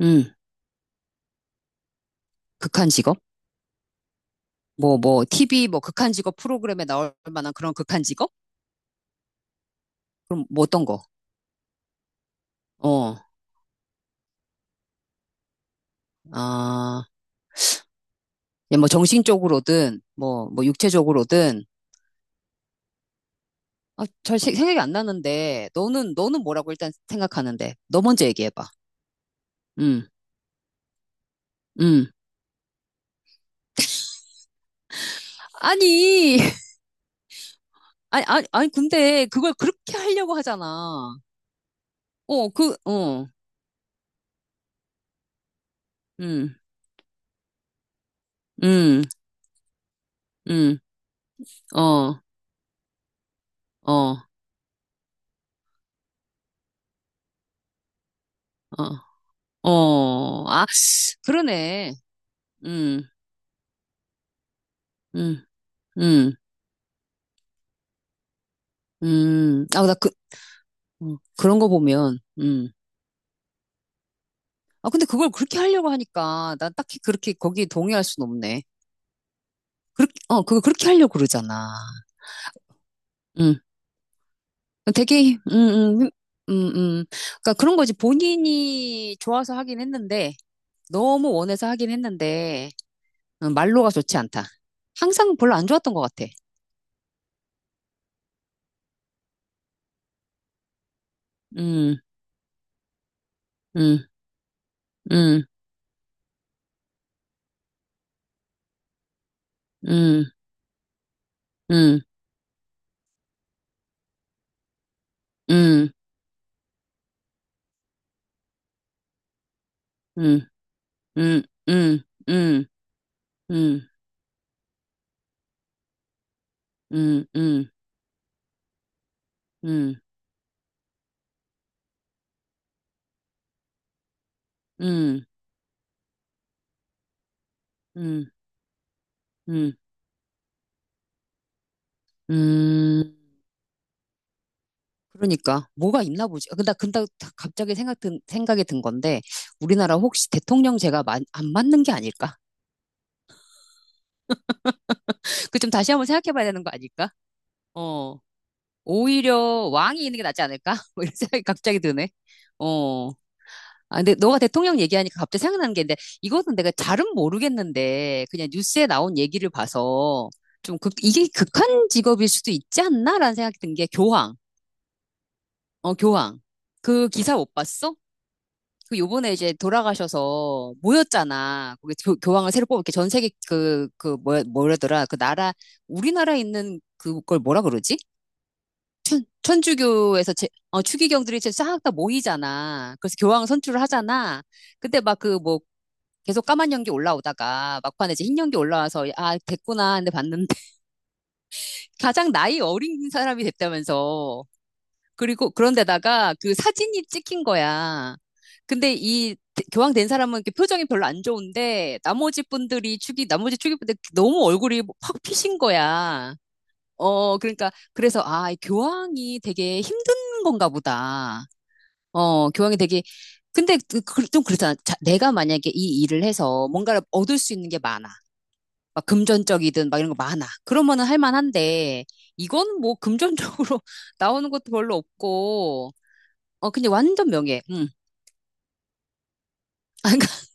음, 극한 직업? TV, 극한 직업 프로그램에 나올 만한 그런 극한 직업? 그럼 뭐 어떤 거? 어, 아, 예, 정신적으로든, 육체적으로든, 생각이 안 나는데, 너는 뭐라고 일단 생각하는데, 너 먼저 얘기해봐. 음, 음. 아니, 아니, 근데 그걸 그렇게 하려고 하잖아. 어, 그, 어, 음, 음, 음, 어, 어, 어, 어, 아, 그러네. 음. 음, 음, 아, 어, 그런 거 보면, 아, 근데 그걸 그렇게 하려고 하니까, 난 딱히 그렇게 거기에 동의할 순 없네. 그렇게, 그거 그렇게 하려고 그러잖아. 음. 되게, 음, 음. 그러니까 그런 거지. 본인이 좋아서 하긴 했는데, 너무 원해서 하긴 했는데, 말로가 좋지 않다. 항상 별로 안 좋았던 것 같아. 음, 음, 음, 음, 음, 음, 음, 음, 음, 음, 음, 음, 음. 음, 음, 음, 음, 음. 그러니까 뭐가 있나 보지. 아, 근데 갑자기 생각이 든 건데 우리나라 혹시 대통령제가 안 맞는 게 아닐까? 그 좀 다시 한번 생각해 봐야 되는 거 아닐까? 어. 오히려 왕이 있는 게 낫지 않을까? 뭐 이런 생각이 갑자기 드네. 어. 아, 근데 너가 대통령 얘기하니까 갑자기 생각나는 게 있는데 이거는 내가 잘은 모르겠는데 그냥 뉴스에 나온 얘기를 봐서 좀 극, 이게 극한 직업일 수도 있지 않나라는 생각이 든 게 교황. 어, 교황. 그 기사 못 봤어? 그 요번에 이제 돌아가셔서 모였잖아. 거기 교, 교황을 새로 뽑을 게 전 세계 뭐라더라. 그 나라, 우리나라에 있는 그걸 뭐라 그러지? 천주교에서 추기경들이 이제 싹 다 모이잖아. 그래서 교황 선출을 하잖아. 근데 막 계속 까만 연기 올라오다가 막판에 이제 흰 연기 올라와서 아 됐구나 근데 봤는데 가장 나이 어린 사람이 됐다면서 그리고 그런데다가 그 사진이 찍힌 거야. 근데 이 교황된 사람은 이렇게 표정이 별로 안 좋은데 나머지 분들이 축이 분들 너무 얼굴이 확 피신 거야. 어 그러니까 그래서 아이 교황이 되게 힘든 건가 보다. 어 교황이 되게 근데 좀 그렇잖아. 자, 내가 만약에 이 일을 해서 뭔가를 얻을 수 있는 게 많아. 막 금전적이든 막 이런 거 많아. 그러면은 할 만한데 이건 뭐 금전적으로 나오는 것도 별로 없고 어, 근데 완전 명예. 응.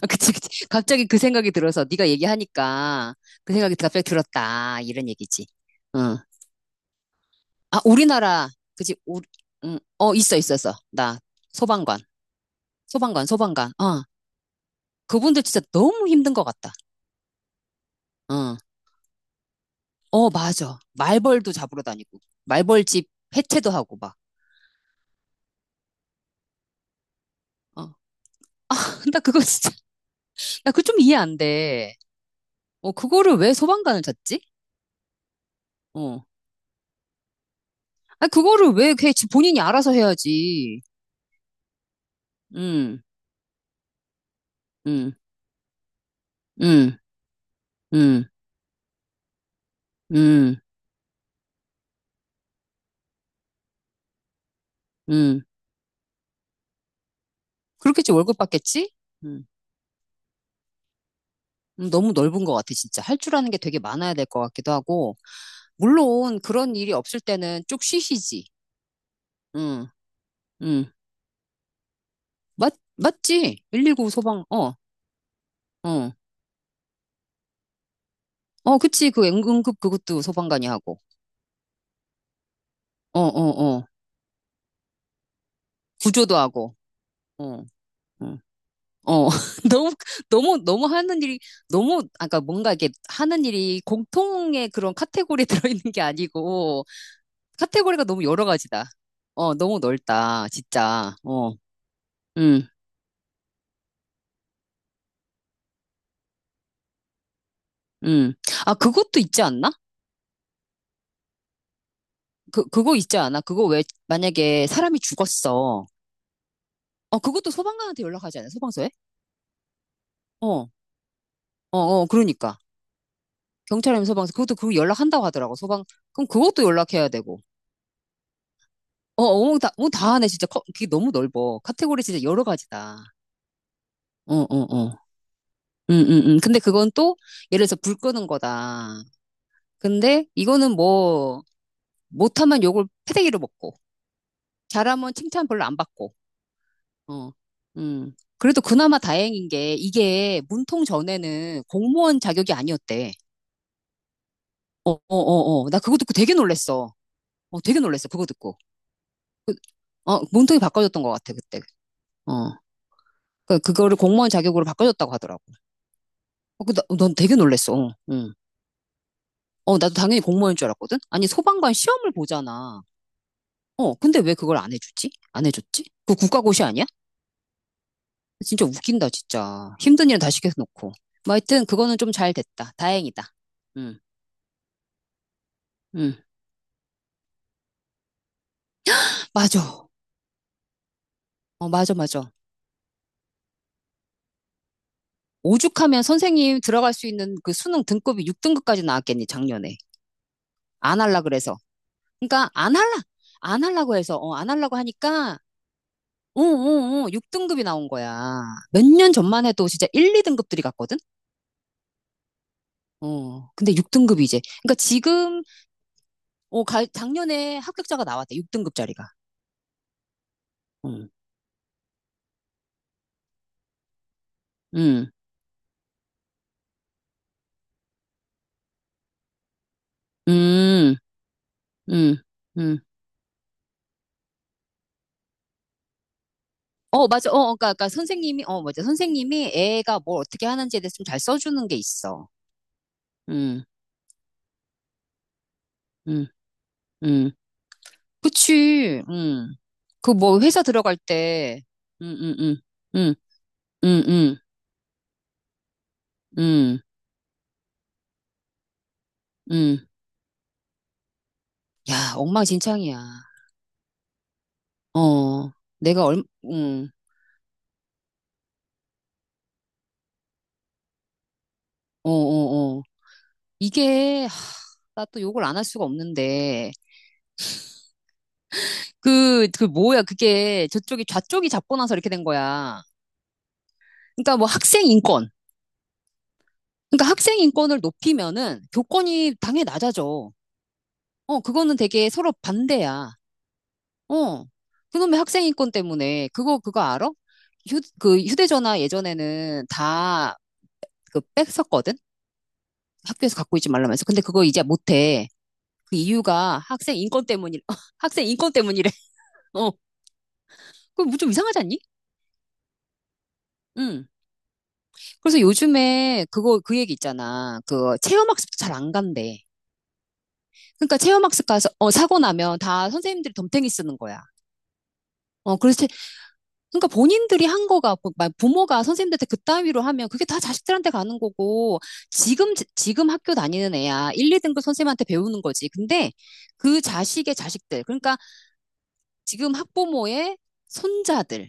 아, 그치. 갑자기 그 생각이 들어서 네가 얘기하니까 그 생각이 갑자기 들었다. 이런 얘기지. 응. 아, 우리나라. 그치, 우리, 응. 어, 있었어. 나 소방관. 소방관. 어. 그분들 진짜 너무 힘든 것 같다. 어. 어, 맞아. 말벌도 잡으러 다니고. 말벌집 해체도 하고 막. 어. 나 그거 진짜, 나 그거 좀 이해 안 돼. 어, 그거를 왜 소방관을 찾지? 어. 아, 그거를 왜, 걔 본인이 알아서 해야지. 음. 음, 음, 음, 음, 음. 그렇겠지, 월급 받겠지? 음. 너무 넓은 것 같아, 진짜. 할 줄 아는 게 되게 많아야 될 것 같기도 하고. 물론, 그런 일이 없을 때는 쭉 쉬시지. 응, 응. 맞지? 119 소방, 어, 어. 어, 그치. 그 응급 그것도 소방관이 하고. 어, 어, 어. 구조도 하고. 어, 어. 어, 너무, 너무 하는 일이, 너무, 아까 뭔가 이게 하는 일이 공통의 그런 카테고리에 들어있는 게 아니고, 카테고리가 너무 여러 가지다. 어, 너무 넓다, 진짜. 음, 음. 아, 그것도 있지 않나? 그거 있지 않아? 그거 왜, 만약에 사람이 죽었어. 어, 그것도 소방관한테 연락하지 않아? 소방서에? 어, 어, 그러니까. 경찰이면 소방서. 그것도 그거 연락한다고 하더라고, 소방. 그럼 그것도 연락해야 되고. 다 하네, 진짜. 그게 너무 넓어. 카테고리 진짜 여러 가지다. 어, 어, 어. 근데 그건 또, 예를 들어서 불 끄는 거다. 근데 이거는 뭐, 못하면 욕을 패대기로 먹고, 잘하면 칭찬 별로 안 받고, 어, 음. 그래도 그나마 다행인 게, 이게 문통 전에는 공무원 자격이 아니었대. 나 그거 듣고 되게 놀랬어. 어, 되게 놀랬어. 그거 듣고. 어, 문통이 바꿔줬던 것 같아, 그때. 어. 그, 그거를 공무원 자격으로 바꿔줬다고 하더라고. 어, 넌 되게 놀랬어. 어, 응. 어, 나도 당연히 공무원인 줄 알았거든? 아니, 소방관 시험을 보잖아. 어, 근데 왜 그걸 안 해주지? 안 해줬지? 그 국가고시 아니야? 진짜 웃긴다, 진짜. 힘든 일은 다 시켜놓고. 뭐 하여튼 그거는 좀 잘 됐다. 다행이다. 응, 응. 맞아. 어, 맞아. 오죽하면 선생님 들어갈 수 있는 그 수능 등급이 6등급까지 나왔겠니, 작년에. 안 할라 그래서. 그러니까 안 할라. 안 하려고 해서 어, 안 하려고 하니까 어, 6등급이 나온 거야. 몇 년 전만 해도 진짜 1, 2등급들이 갔거든? 어. 근데 6등급이 이제. 그러니까 지금 어, 작년에 합격자가 나왔대. 6등급짜리가. 응. 음, 음. 음. 음, 음. 어, 맞아. 그러니까 선생님이, 어, 맞아. 선생님이 애가 뭘 어떻게 하는지에 대해서 좀 잘 써주는 게 있어. 음, 음, 음. 그치. 그 뭐 회사 들어갈 때, 음, 음, 음, 음, 음, 음, 음, 음. 야, 엉망진창이야. 어, 내가 얼, 어, 어, 어. 이게, 나 또 욕을 안 할 수가 없는데. 그 뭐야, 좌쪽이 잡고 나서 이렇게 된 거야. 그러니까 뭐 학생 인권. 그러니까 학생 인권을 높이면은 교권이 당연히 낮아져. 어, 그거는 되게 서로 반대야. 어, 그놈의 학생 인권 때문에 그거 알아? 휴, 그 휴대전화 예전에는 다 그 뺐었거든. 학교에서 갖고 있지 말라면서. 근데 그거 이제 못해. 그 이유가 학생 인권 때문이 학생 인권 때문이래. 어, 그거 뭐 좀 이상하지 않니? 응. 그래서 요즘에 그거 그 얘기 있잖아. 그 체험학습도 잘 안 간대. 그러니까 체험학습 가서 어 사고 나면 다 선생님들이 덤탱이 쓰는 거야. 어, 그래서 그러니까 본인들이 한 거가 부모가 선생님들한테 그따위로 하면 그게 다 자식들한테 가는 거고 지금 학교 다니는 애야 1, 2등급 선생님한테 배우는 거지. 근데 그 자식의 자식들 그러니까 지금 학부모의 손자들은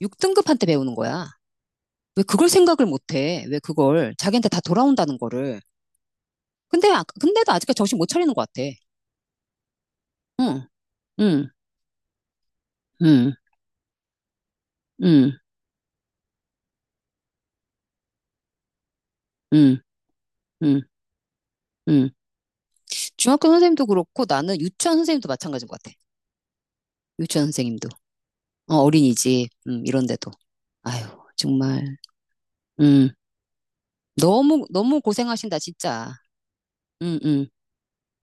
6등급한테 배우는 거야. 왜 그걸 생각을 못 해? 왜 그걸 자기한테 다 돌아온다는 거를. 근데 근데도 아직까지 정신 못 차리는 것 같아. 응. 응. 응. 응. 응. 응. 응. 중학교 선생님도 그렇고 나는 유치원 선생님도 마찬가지인 것 같아. 유치원 선생님도, 어, 어린이집, 이런 데도. 아유, 정말, 음, 너무, 너무 고생하신다, 진짜. 음, 음.